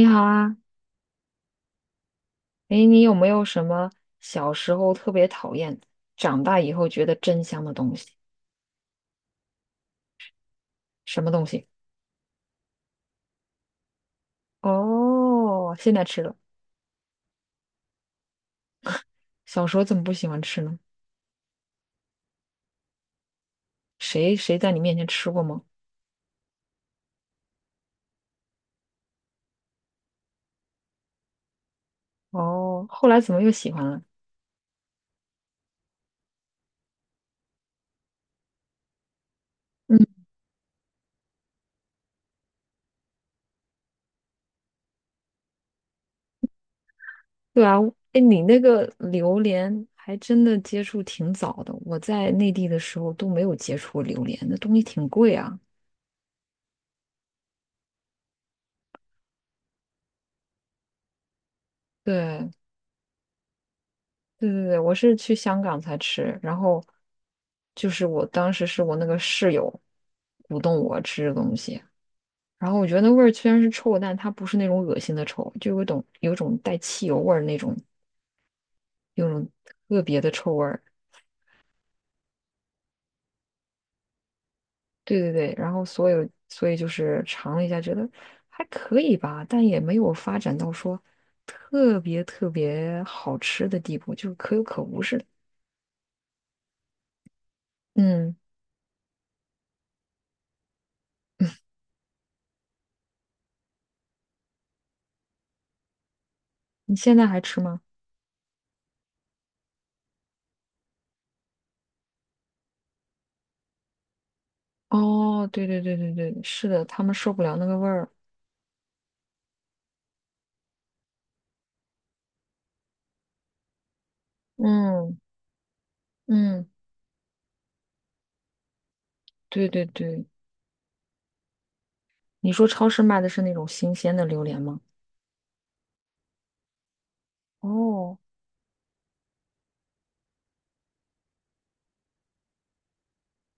你好啊，诶，你有没有什么小时候特别讨厌，长大以后觉得真香的东西？什么东西？哦，现在吃了，小时候怎么不喜欢吃呢？谁在你面前吃过吗？哦，后来怎么又喜欢了？嗯，对啊，诶，你那个榴莲还真的接触挺早的，我在内地的时候都没有接触过榴莲，那东西挺贵啊。对，对对对，我是去香港才吃，然后就是我当时是我那个室友鼓动我吃这东西，然后我觉得那味儿虽然是臭，但它不是那种恶心的臭，就有一种带汽油味儿那种，有种特别的臭味儿。对对对，然后所以就是尝了一下，觉得还可以吧，但也没有发展到说特别特别好吃的地步，就是可有可无似的。嗯，你现在还吃吗？哦，对对对对对，是的，他们受不了那个味儿。嗯嗯，对对对，你说超市卖的是那种新鲜的榴莲吗？哦，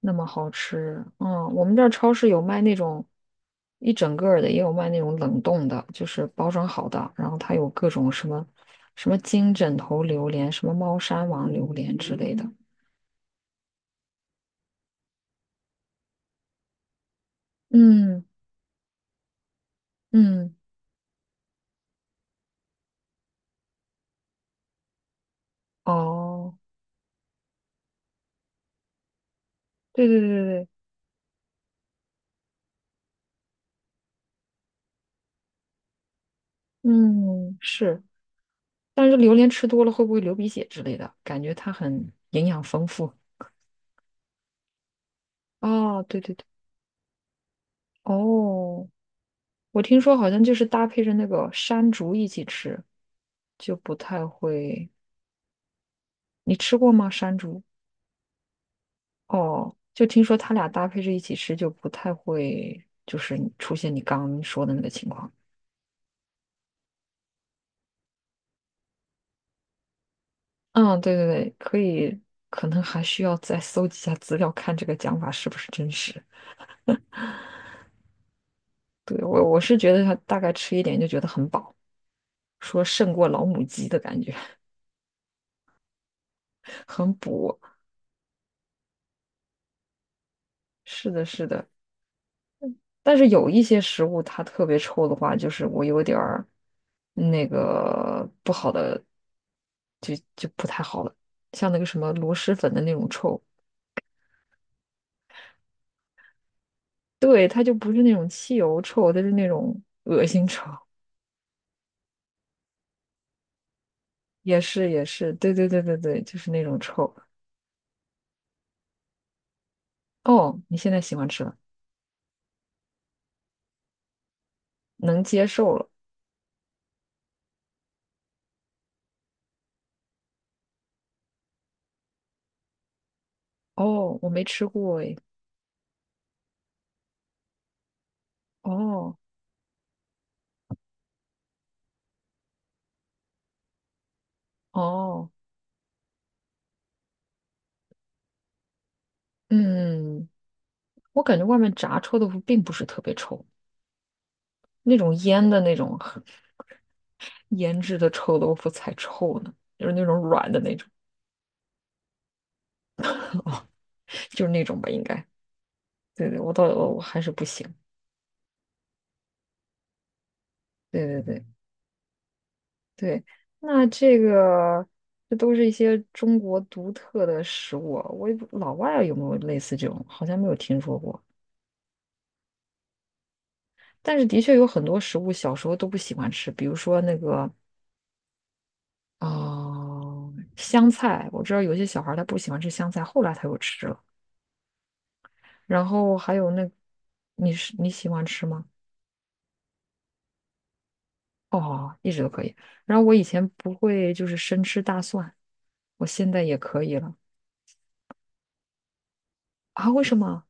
那么好吃，嗯，我们这儿超市有卖那种一整个儿的，也有卖那种冷冻的，就是包装好的，然后它有各种什么金枕头榴莲、什么猫山王榴莲之类的。嗯嗯，哦，对对对对对，嗯，是。但是榴莲吃多了会不会流鼻血之类的？感觉它很营养丰富。哦，对对对，哦，我听说好像就是搭配着那个山竹一起吃，就不太会。你吃过吗？山竹？哦，就听说它俩搭配着一起吃，就不太会，就是你出现你刚刚说的那个情况。嗯，对对对，可以，可能还需要再搜集一下资料，看这个讲法是不是真实。对，我是觉得它大概吃一点就觉得很饱。说胜过老母鸡的感觉，很补。是的，是的。但是有一些食物它特别臭的话，就是我有点儿那个不好的，就不太好了。像那个什么螺蛳粉的那种臭，对，它就不是那种汽油臭，它是那种恶心臭。也是也是，对对对对对，就是那种臭。哦，你现在喜欢吃了，能接受了。哦，我没吃过诶。哦哦，嗯。我感觉外面炸臭豆腐并不是特别臭，那种腌的那种很腌制的臭豆腐才臭呢，就是那种软的那种，就是那种吧，应该。对对，我到我我还是不行。对对对对，那这个这都是一些中国独特的食物，我也不老外啊有没有类似这种，好像没有听说过。但是的确有很多食物小时候都不喜欢吃，比如说那个啊、香菜，我知道有些小孩儿他不喜欢吃香菜，后来他又吃了。然后还有那，你喜欢吃吗？哦，一直都可以。然后我以前不会就是生吃大蒜，我现在也可以了啊？为什么？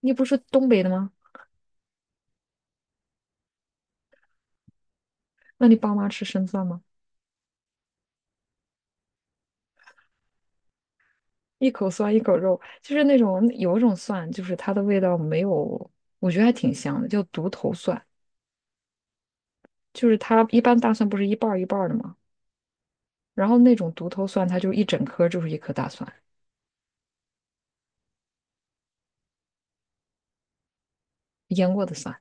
你不是东北的吗？那你爸妈吃生蒜吗？一口蒜一口肉，就是那种有一种蒜，就是它的味道没有，我觉得还挺香的，叫独头蒜。就是它一般大蒜不是一半儿一半儿的吗？然后那种独头蒜，它就一整颗就是一颗大蒜，腌过的蒜。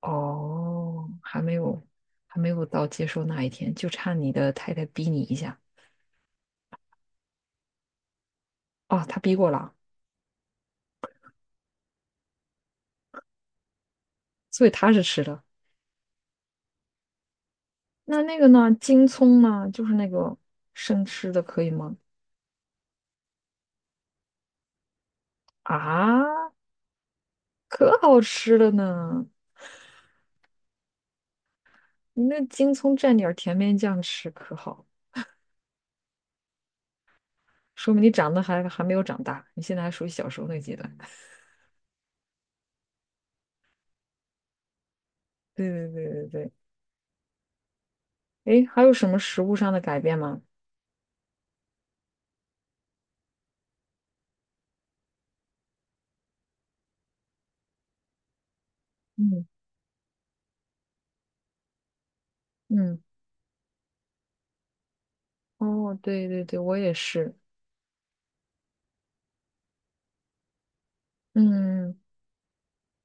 哦，还没有，还没有到接受那一天，就差你的太太逼你一下。哦，她逼过了，所以她是吃的。那那个呢？京葱呢？就是那个生吃的，可以吗？啊，可好吃了呢！你那京葱蘸点儿甜面酱吃可好，说明你长得还没有长大，你现在还属于小时候那阶段。对对对对对。诶，还有什么食物上的改变吗？嗯嗯，哦，对对对，我也是。嗯，嗯嗯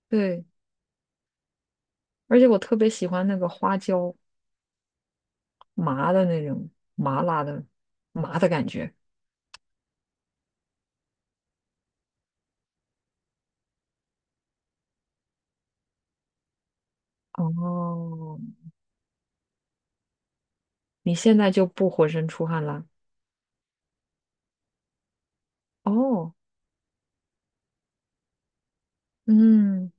对。而且我特别喜欢那个花椒麻的那种麻辣的麻的感觉。哦，你现在就不浑身出汗了？哦，嗯，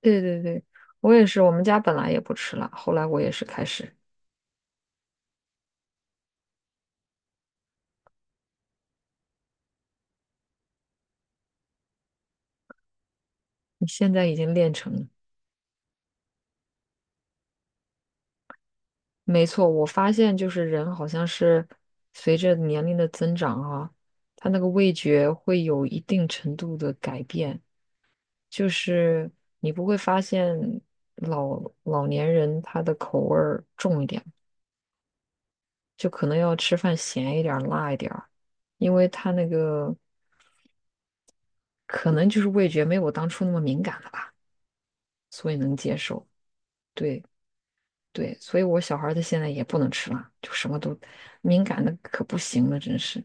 对对对，我也是，我们家本来也不吃辣，后来我也是开始，你现在已经练成了。没错，我发现就是人好像是随着年龄的增长啊，他那个味觉会有一定程度的改变。就是你不会发现老年人他的口味儿重一点，就可能要吃饭咸一点儿、辣一点儿，因为他那个可能就是味觉没有我当初那么敏感了吧，所以能接受。对对，所以我小孩儿他现在也不能吃辣，就什么都敏感的可不行了，真是。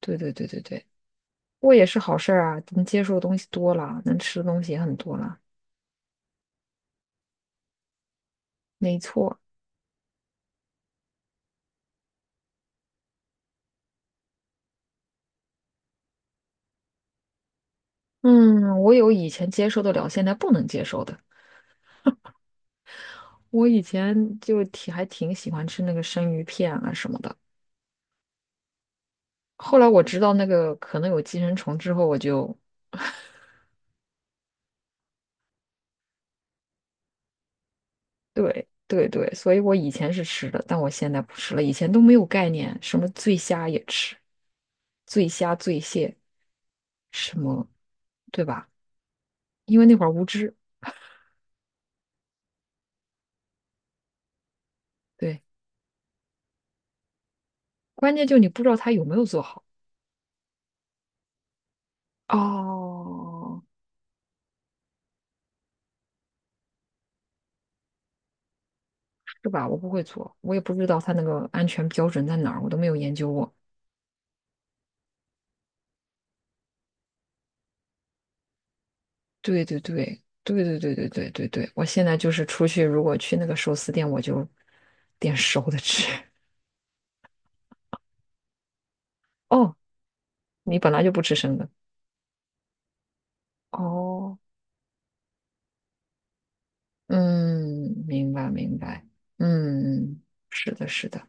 对对对对对，过也是好事儿啊，能接受的东西多了，能吃的东西也很多了，没错。嗯，我有以前接受得了，现在不能接受的。我以前就挺还挺喜欢吃那个生鱼片啊什么的，后来我知道那个可能有寄生虫之后，我就对对对，所以我以前是吃的，但我现在不吃了。以前都没有概念，什么醉虾也吃，醉虾、醉蟹什么，对吧？因为那会儿无知，对，关键就你不知道它有没有做好哦，是吧？我不会做，我也不知道它那个安全标准在哪儿，我都没有研究过。对对对对对对对对对对，我现在就是出去，如果去那个寿司店，我就点熟的吃。哦，你本来就不吃生的。哦，嗯，明白明白，嗯，是的，是的，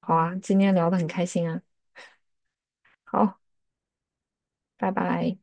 好啊，今天聊的很开心啊，好，拜拜。